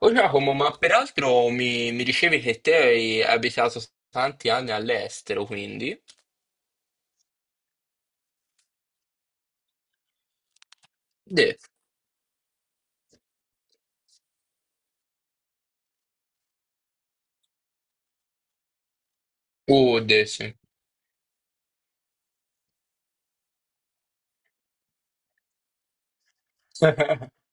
Oh Giacomo, ma peraltro mi dicevi che te hai abitato tanti anni all'estero, quindi? De. De, sì.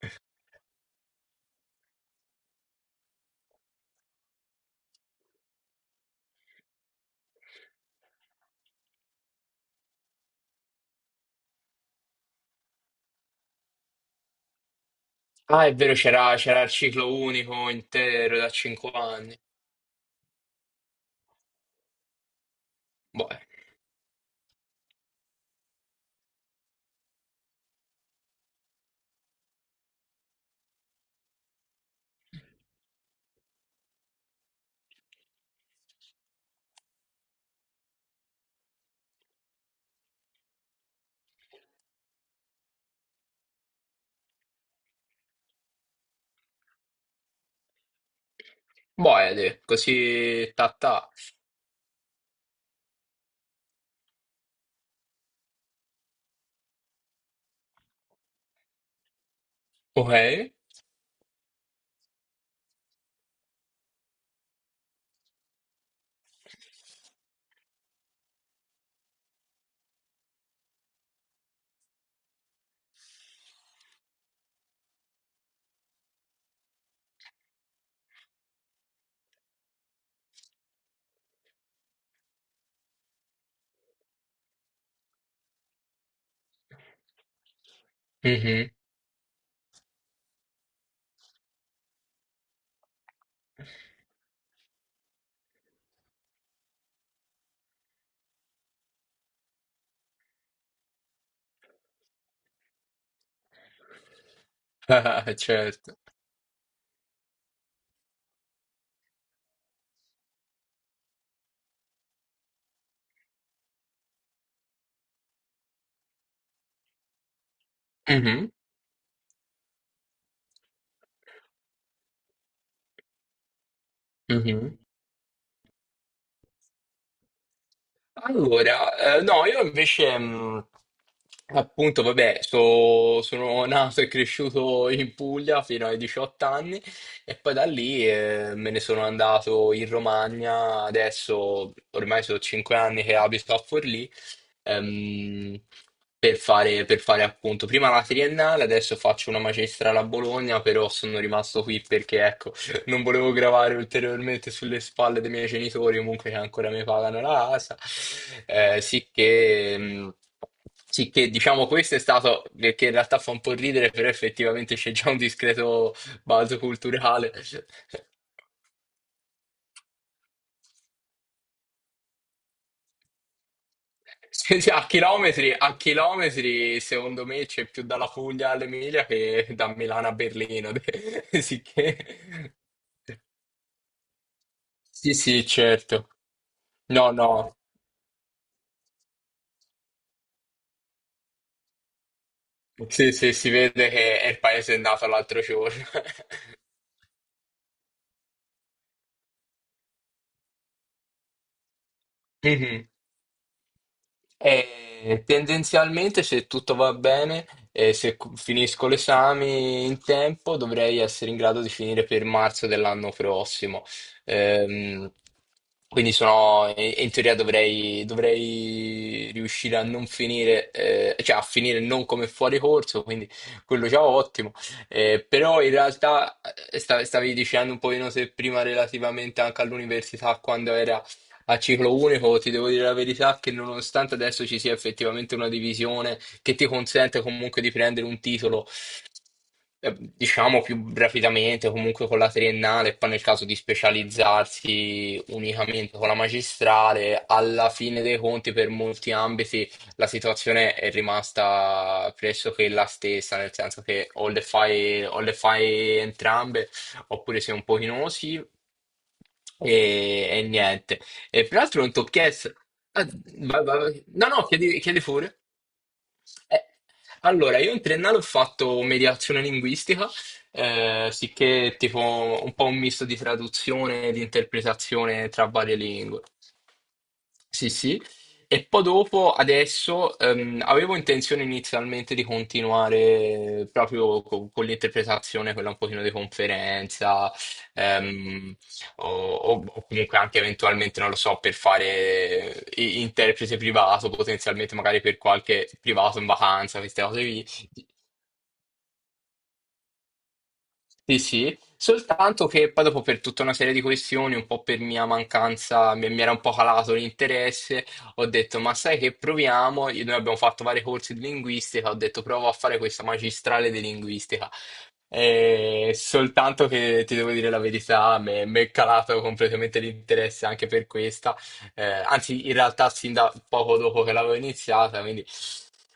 Ah, è vero, c'era il ciclo unico intero da 5 anni. Boh, boh, de, così ta ta. Ok? Mhm. Certo. Mhm, mhm. Allora, no, io invece, appunto, vabbè, sono nato e cresciuto in Puglia fino ai 18 anni e poi da lì me ne sono andato in Romagna, adesso ormai sono 5 anni che abito a Forlì, ehm, per fare appunto prima la triennale, adesso faccio una magistrale a Bologna, però sono rimasto qui perché ecco, non volevo gravare ulteriormente sulle spalle dei miei genitori, comunque che ancora mi pagano la casa. Sì che, diciamo questo è stato, che in realtà fa un po' ridere, però effettivamente c'è già un discreto balzo culturale. Sì, sì, a chilometri, secondo me c'è più dalla Puglia all'Emilia che da Milano a Berlino. Sì che... Sì, sì, certo. No, no. Sì, sì, si vede che è il paese nato l'altro giorno. Mhm. E tendenzialmente, se tutto va bene e se finisco l'esame in tempo, dovrei essere in grado di finire per marzo dell'anno prossimo. Ehm, quindi sono, in teoria dovrei riuscire a non finire, cioè a finire non come fuori corso, quindi quello già ottimo. Però in realtà stavi dicendo un pochino se prima relativamente anche all'università, quando era a ciclo unico, ti devo dire la verità che nonostante adesso ci sia effettivamente una divisione che ti consente comunque di prendere un titolo diciamo più rapidamente, comunque con la triennale, e poi nel caso di specializzarsi unicamente con la magistrale, alla fine dei conti per molti ambiti la situazione è rimasta pressoché la stessa, nel senso che o le fai entrambe, oppure sei un pochino sì e niente. E peraltro non ti ho chiesto... ah, vai, vai, vai. No, no, chiedi, chiedi pure. Eh, Allora, io in triennale ho fatto mediazione linguistica, sicché tipo un po' un misto di traduzione e di interpretazione tra varie lingue. Sì, sì. E poi dopo, adesso, avevo intenzione inizialmente di continuare proprio con l'interpretazione, quella un pochino di conferenza, ehm, o, o comunque anche eventualmente, non lo so, per fare interprete privato, potenzialmente magari per qualche privato in vacanza, queste cose lì. Sì, sì, soltanto che poi dopo per tutta una serie di questioni, un po' per mia mancanza, mi era un po' calato l'interesse, ho detto, ma sai che proviamo? Noi abbiamo fatto vari corsi di linguistica, ho detto provo a fare questa magistrale di linguistica. E soltanto che ti devo dire la verità, mi è calato completamente l'interesse anche per questa. Anzi in realtà sin da poco dopo che l'avevo iniziata, quindi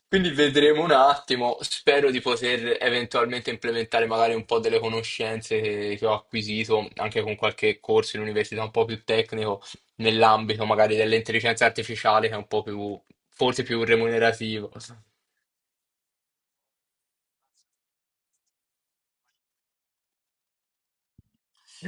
quindi vedremo un attimo, spero di poter eventualmente implementare magari un po' delle conoscenze che ho acquisito anche con qualche corso in università un po' più tecnico nell'ambito magari dell'intelligenza artificiale che è un po' più, forse più remunerativo.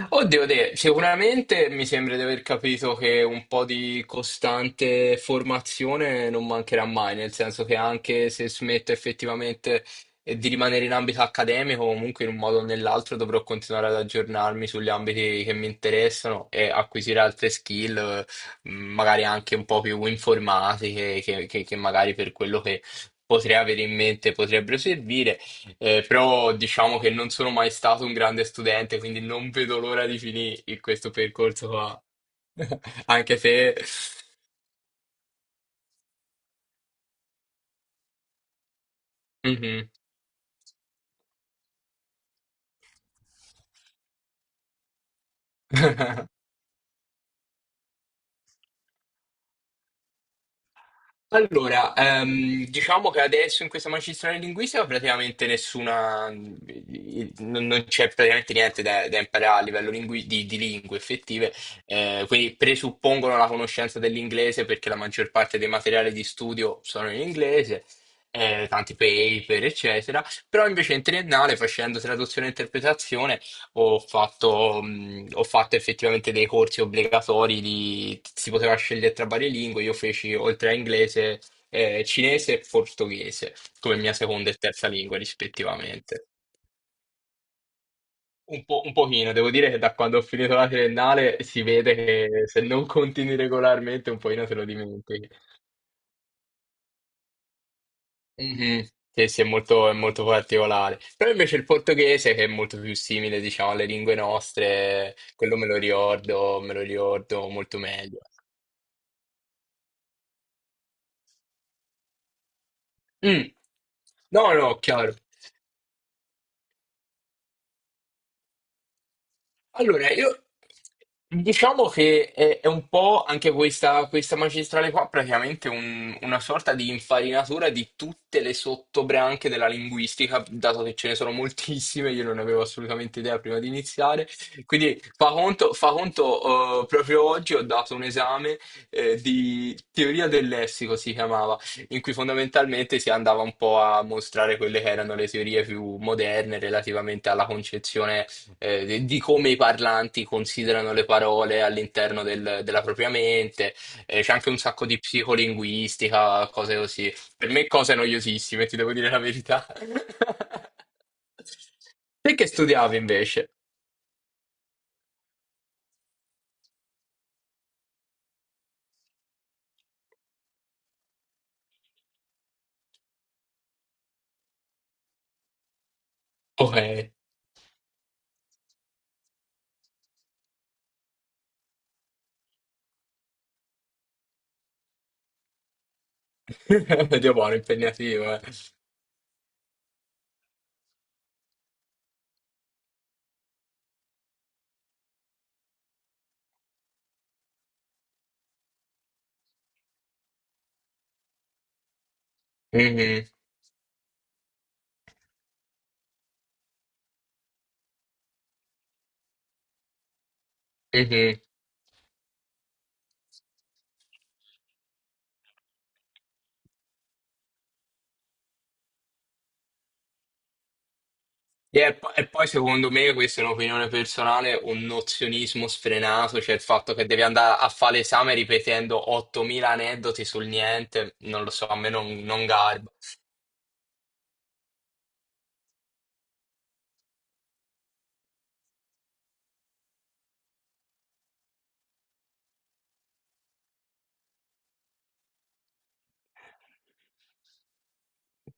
Oddio, te, sicuramente mi sembra di aver capito che un po' di costante formazione non mancherà mai, nel senso che anche se smetto effettivamente di rimanere in ambito accademico, comunque in un modo o nell'altro dovrò continuare ad aggiornarmi sugli ambiti che mi interessano e acquisire altre skill, magari anche un po' più informatiche, che magari per quello che potrei avere in mente potrebbero servire. Però diciamo che non sono mai stato un grande studente, quindi non vedo l'ora di finire questo percorso qua. Anche se... Mhm. Allora, diciamo che adesso in questa magistrale linguistica praticamente nessuna, non c'è praticamente niente da imparare a livello di lingue effettive, quindi presuppongono la conoscenza dell'inglese perché la maggior parte dei materiali di studio sono in inglese, tanti paper, eccetera, però invece in triennale facendo traduzione e interpretazione ho fatto effettivamente dei corsi obbligatori di, si poteva scegliere tra varie lingue, io feci oltre a inglese, cinese e portoghese come mia seconda e terza lingua rispettivamente. Un po', un pochino, devo dire che da quando ho finito la triennale si vede che se non continui regolarmente un pochino te lo dimentichi. Mhm. Sì, sì, è molto particolare. Però invece il portoghese, che è molto più simile, diciamo, alle lingue nostre, quello me lo ricordo molto meglio. Mm. No, no, chiaro. Allora, io diciamo che è un po' anche questa, magistrale qua, praticamente una sorta di infarinatura di tutte le sottobranche della linguistica, dato che ce ne sono moltissime, io non avevo assolutamente idea prima di iniziare. Quindi fa conto, proprio oggi ho dato un esame, di teoria del lessico, si chiamava, in cui fondamentalmente si andava un po' a mostrare quelle che erano le teorie più moderne relativamente alla concezione di come i parlanti considerano le parole all'interno della propria mente, c'è anche un sacco di psicolinguistica, cose così. Per me cose noiosissime, ti devo dire la verità. Te che studiavi invece? Ok. Medio buono, impegnativo, eh. Mhm, mhm. E poi secondo me, questa è un'opinione personale, un nozionismo sfrenato, cioè il fatto che devi andare a fare l'esame ripetendo 8.000 aneddoti sul niente, non lo so, a me non garba.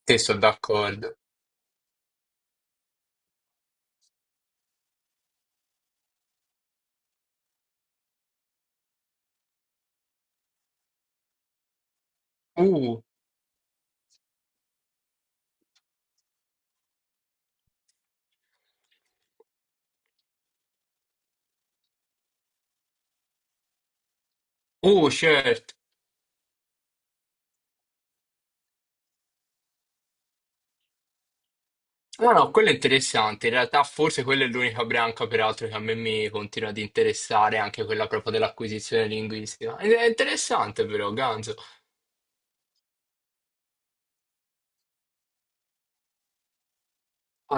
Sì, sono d'accordo. Uh, certo. No, no, quello è interessante. In realtà forse quella è l'unica branca, peraltro, che a me mi continua ad interessare, anche quella proprio dell'acquisizione linguistica. Ed è interessante però, ganzo. Alla